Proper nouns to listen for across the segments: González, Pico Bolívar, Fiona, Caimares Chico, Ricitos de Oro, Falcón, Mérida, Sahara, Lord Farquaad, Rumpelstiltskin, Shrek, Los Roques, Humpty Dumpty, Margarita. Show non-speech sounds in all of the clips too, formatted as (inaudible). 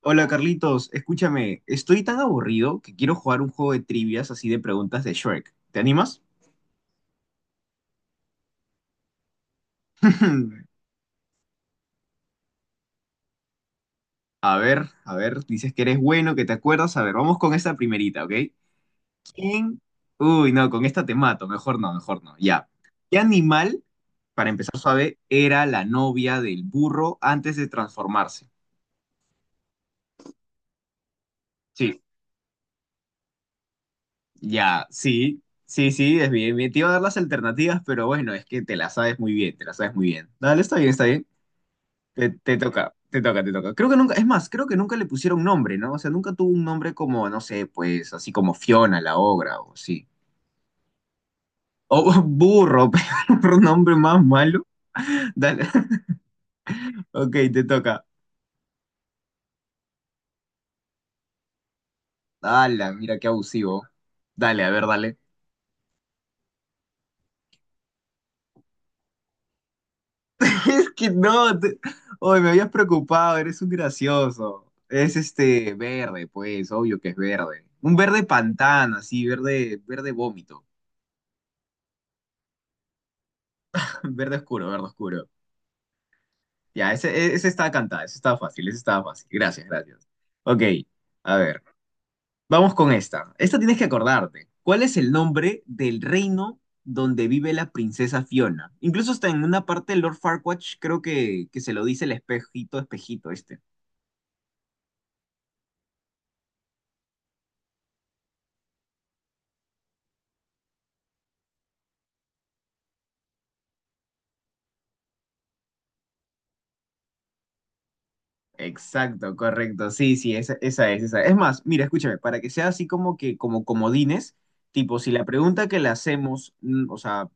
Hola Carlitos, escúchame, estoy tan aburrido que quiero jugar un juego de trivias así de preguntas de Shrek. ¿Te animas? (laughs) A ver, dices que eres bueno, que te acuerdas. A ver, vamos con esta primerita, ¿ok? ¿Quién? Uy, no, con esta te mato, mejor no, ya. ¿Qué animal, para empezar suave, era la novia del burro antes de transformarse? Sí, ya, sí, sí, sí, es bien, bien. Te iba a dar las alternativas, pero bueno, es que te las sabes muy bien, te las sabes muy bien. Dale, está bien, está bien. Te toca, te toca. Creo que nunca, es más, creo que nunca le pusieron nombre, ¿no? O sea, nunca tuvo un nombre como, no sé, pues, así como Fiona, la obra, o sí. O (laughs) burro, (laughs) pero un nombre más malo. Dale. (laughs) Ok, te toca. Ala, mira qué abusivo. Dale, a ver, dale. (laughs) Es que no, te- Oy, me habías preocupado, eres un gracioso. Es este verde, pues, obvio que es verde. Un verde pantano, así, verde, verde vómito. (laughs) Verde oscuro, verde oscuro. Ya, ese estaba cantado, ese estaba fácil, ese estaba fácil. Gracias, gracias. Ok, a ver, vamos con esta. Esta tienes que acordarte. ¿Cuál es el nombre del reino donde vive la princesa Fiona? Incluso está en una parte de Lord Farquaad, creo que se lo dice el espejito, espejito, este. Exacto, correcto. Sí, sí, esa, esa. Es más, mira, escúchame, para que sea así como que, como comodines, tipo, si la pregunta que le hacemos, o sea,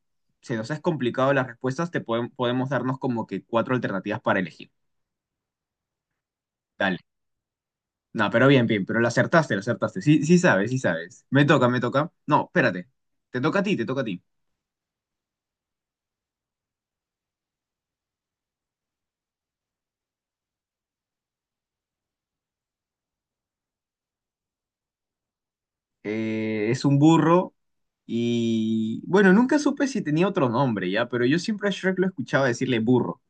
se nos es complicado las respuestas, te podem- podemos darnos como que cuatro alternativas para elegir. Dale. No, pero bien, bien, pero la acertaste, la acertaste. Sí, sí sabes, sí sabes. Me toca, me toca. No, espérate. Te toca a ti, te toca a ti. Es un burro y, bueno, nunca supe si tenía otro nombre, ya, pero yo siempre a Shrek lo escuchaba decirle burro.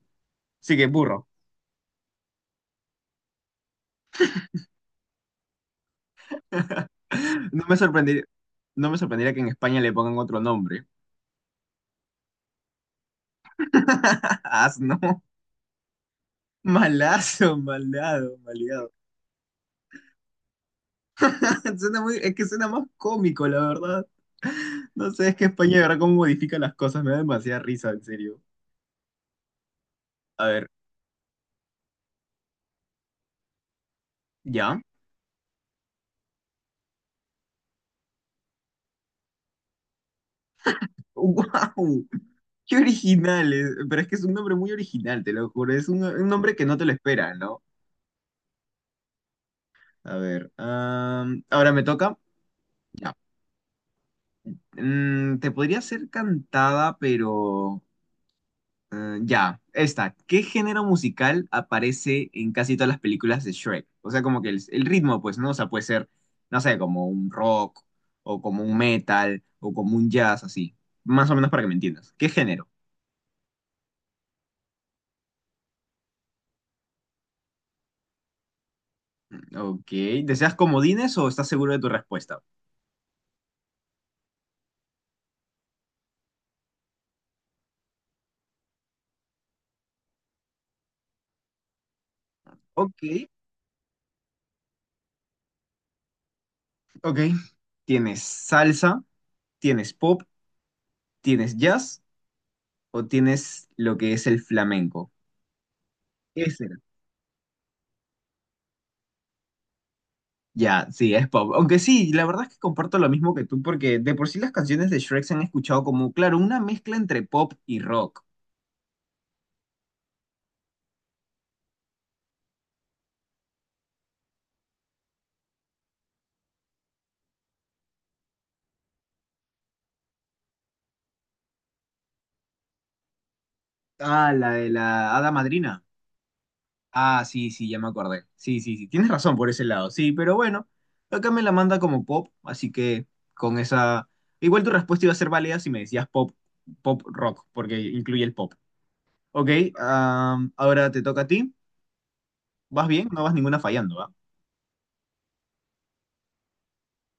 Así que burro. (laughs) No me sorprendería, no me sorprendería que en España le pongan otro nombre. (laughs) Asno. Malazo, malado, maleado. (laughs) Suena muy, es que suena más cómico, la verdad. No sé, es que España de verdad cómo modifica las cosas. Me da demasiada risa, en serio. A ver, ¿ya? (laughs) ¡Wow! ¡Qué original, eh! Pero es que es un nombre muy original, te lo juro. Es un nombre que no te lo esperas, ¿no? A ver, ahora me toca. Ya. Te podría ser cantada, pero... ya, esta. ¿Qué género musical aparece en casi todas las películas de Shrek? O sea, como que el ritmo, pues, ¿no? O sea, puede ser, no sé, como un rock, o como un metal, o como un jazz, así. Más o menos para que me entiendas. ¿Qué género? Ok. ¿Deseas comodines o estás seguro de tu respuesta? Ok, ok. ¿Tienes salsa? ¿Tienes pop? ¿Tienes jazz? ¿O tienes lo que es el flamenco? Ese. Ya, sí, es pop. Aunque sí, la verdad es que comparto lo mismo que tú, porque de por sí las canciones de Shrek se han escuchado como, claro, una mezcla entre pop y rock. Ah, la de la Hada Madrina. Ah, sí, sí, ya me acordé. Sí, sí, sí, tienes razón por ese lado, sí, pero bueno, acá me la manda como pop, así que con esa... Igual tu respuesta iba a ser válida si me decías pop, pop rock, porque incluye el pop. Ok, ahora te toca a ti. ¿Vas bien? No vas ninguna fallando, ¿va?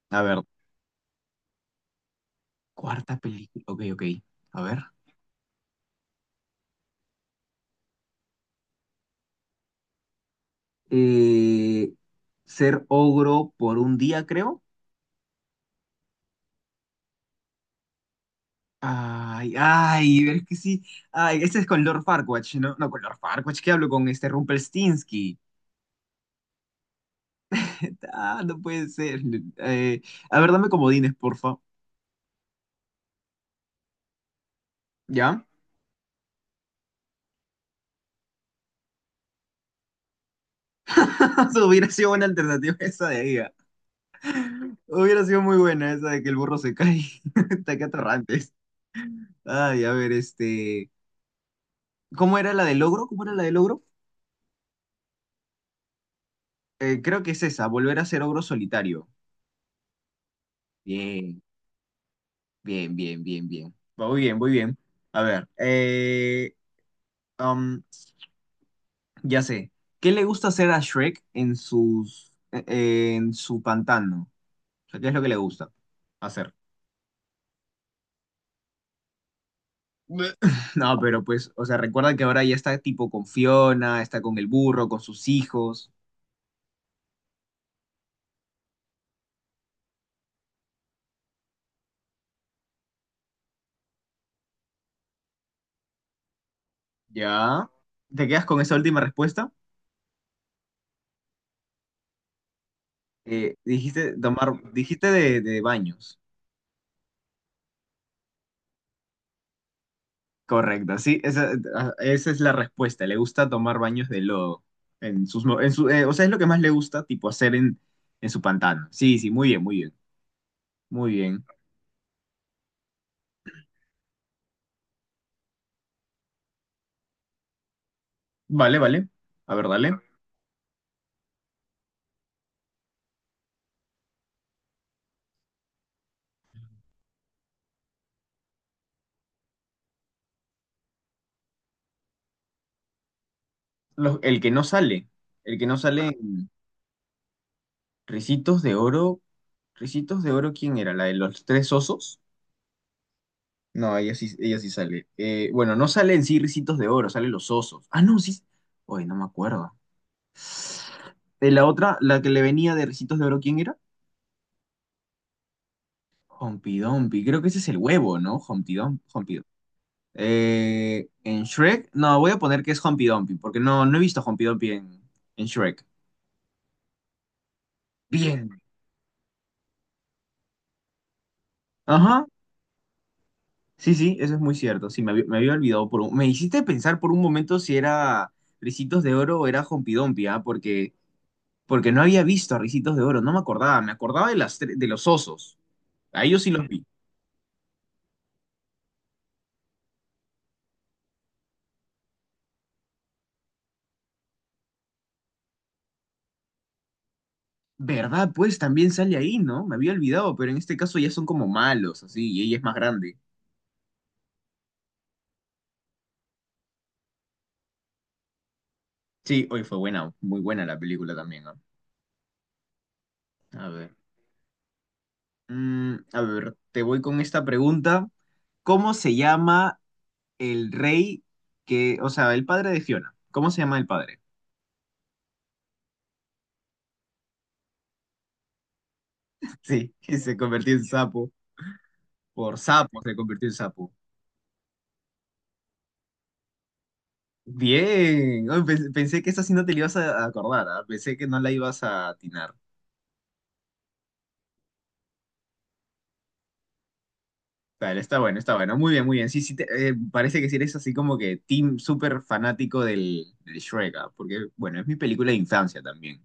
A ver, cuarta película. Ok, ok. A ver. eh, Ser ogro por un día, creo. Ay, ay, pero es que sí. Ay, este es con Lord Farquatch, ¿no? No, con Lord Farquatch, ¿qué hablo? Con este Rumpelstiltskin. (laughs) Ah, no puede ser. Eh, a ver, dame comodines, porfa. ¿Ya? (laughs) Eso hubiera sido buena alternativa esa de ahí. Ah. Hubiera sido muy buena esa de que el burro se cae. (laughs) Está que atorrantes. Ay, a ver, este. ¿Cómo era la del ogro? ¿Cómo era la del ogro? Creo que es esa, volver a ser ogro solitario. Bien. Bien, bien, bien, bien. Va muy bien, muy bien. A ver, um, ya sé. ¿Qué le gusta hacer a Shrek en sus, en su pantano? O sea, ¿qué es lo que le gusta hacer? Bleh. (laughs) No, pero pues, o sea, recuerda que ahora ya está tipo con Fiona, está con el burro, con sus hijos. ¿Ya? ¿Te quedas con esa última respuesta? Dijiste tomar, dijiste de baños. Correcto, sí, esa, ah, esa es la respuesta. Le gusta tomar baños de lodo. En sus, mo- en su, o sea, es lo que más le gusta, tipo, hacer en su pantano. Sí, sí, muy bien, muy bien, muy bien. Vale, vale. A ver, dale. Los- el que no sale, el que no sale en Ricitos de Oro. ¿Ricitos de Oro quién era? ¿La de los tres osos? No, ella sí sale. Bueno, no sale en sí Ricitos de Oro, salen los osos. Ah, no, sí. Oye, no me acuerdo. De la otra, la que le venía de Ricitos de Oro, ¿quién era? Humpty Dumpty, creo que ese es el huevo, ¿no? Humpty Dumpty, Humpty Dumpty. En Shrek, no, voy a poner que es Humpty Dumpty, porque no, no he visto Humpty Dumpty en Shrek. Bien. Ajá, sí, sí, eso es muy cierto. Sí, me había olvidado por un... Me hiciste pensar por un momento si era Ricitos de Oro o era Humpty Dumpty, ¿ah? Porque, porque no había visto a Ricitos de Oro, no me acordaba, me acordaba de, las, tre- de los osos. A ellos sí los vi. ¿Verdad? Pues también sale ahí, ¿no? Me había olvidado, pero en este caso ya son como malos, así, y ella es más grande. Sí, hoy fue buena, muy buena la película también, ¿no? A ver. A ver, te voy con esta pregunta. ¿Cómo se llama el rey que, o sea, el padre de Fiona? ¿Cómo se llama el padre? (laughs) Sí, que se convirtió en sapo. Por sapo se convirtió en sapo. Bien. Ay, pe- pensé que esta sí no te la ibas a acordar, ¿ah? Pensé que no la ibas a atinar. Vale, está bueno, está bueno. Muy bien, muy bien. Sí, sí, te- parece que sí eres así como que team súper fanático del, del Shrek, ¿ah? Porque, bueno, es mi película de infancia también.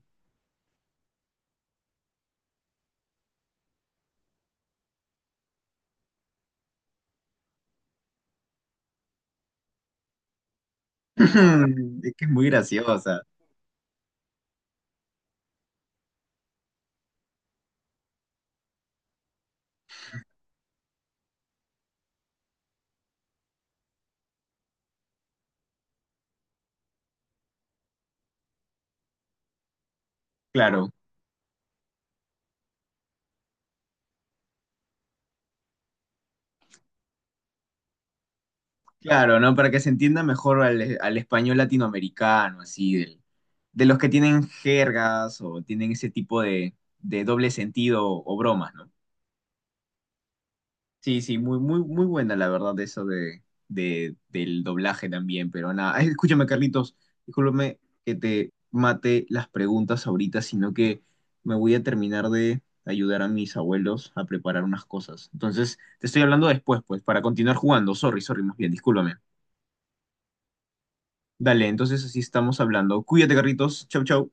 (laughs) Es que es muy graciosa. Claro, claro, ¿no? Para que se entienda mejor al, al español latinoamericano, así, del- de los que tienen jergas o tienen ese tipo de doble sentido o bromas, ¿no? Sí, sí, muy, muy, muy buena la verdad eso de- del doblaje también, pero nada, (laughs) ay, escúchame Carlitos, discúlpame que te mate las preguntas ahorita, sino que me voy a terminar de ayudar a mis abuelos a preparar unas cosas. Entonces, te estoy hablando después, pues, para continuar jugando. Sorry, sorry, más bien, discúlpame. Dale, entonces así estamos hablando. Cuídate, Carlitos. Chau, chau.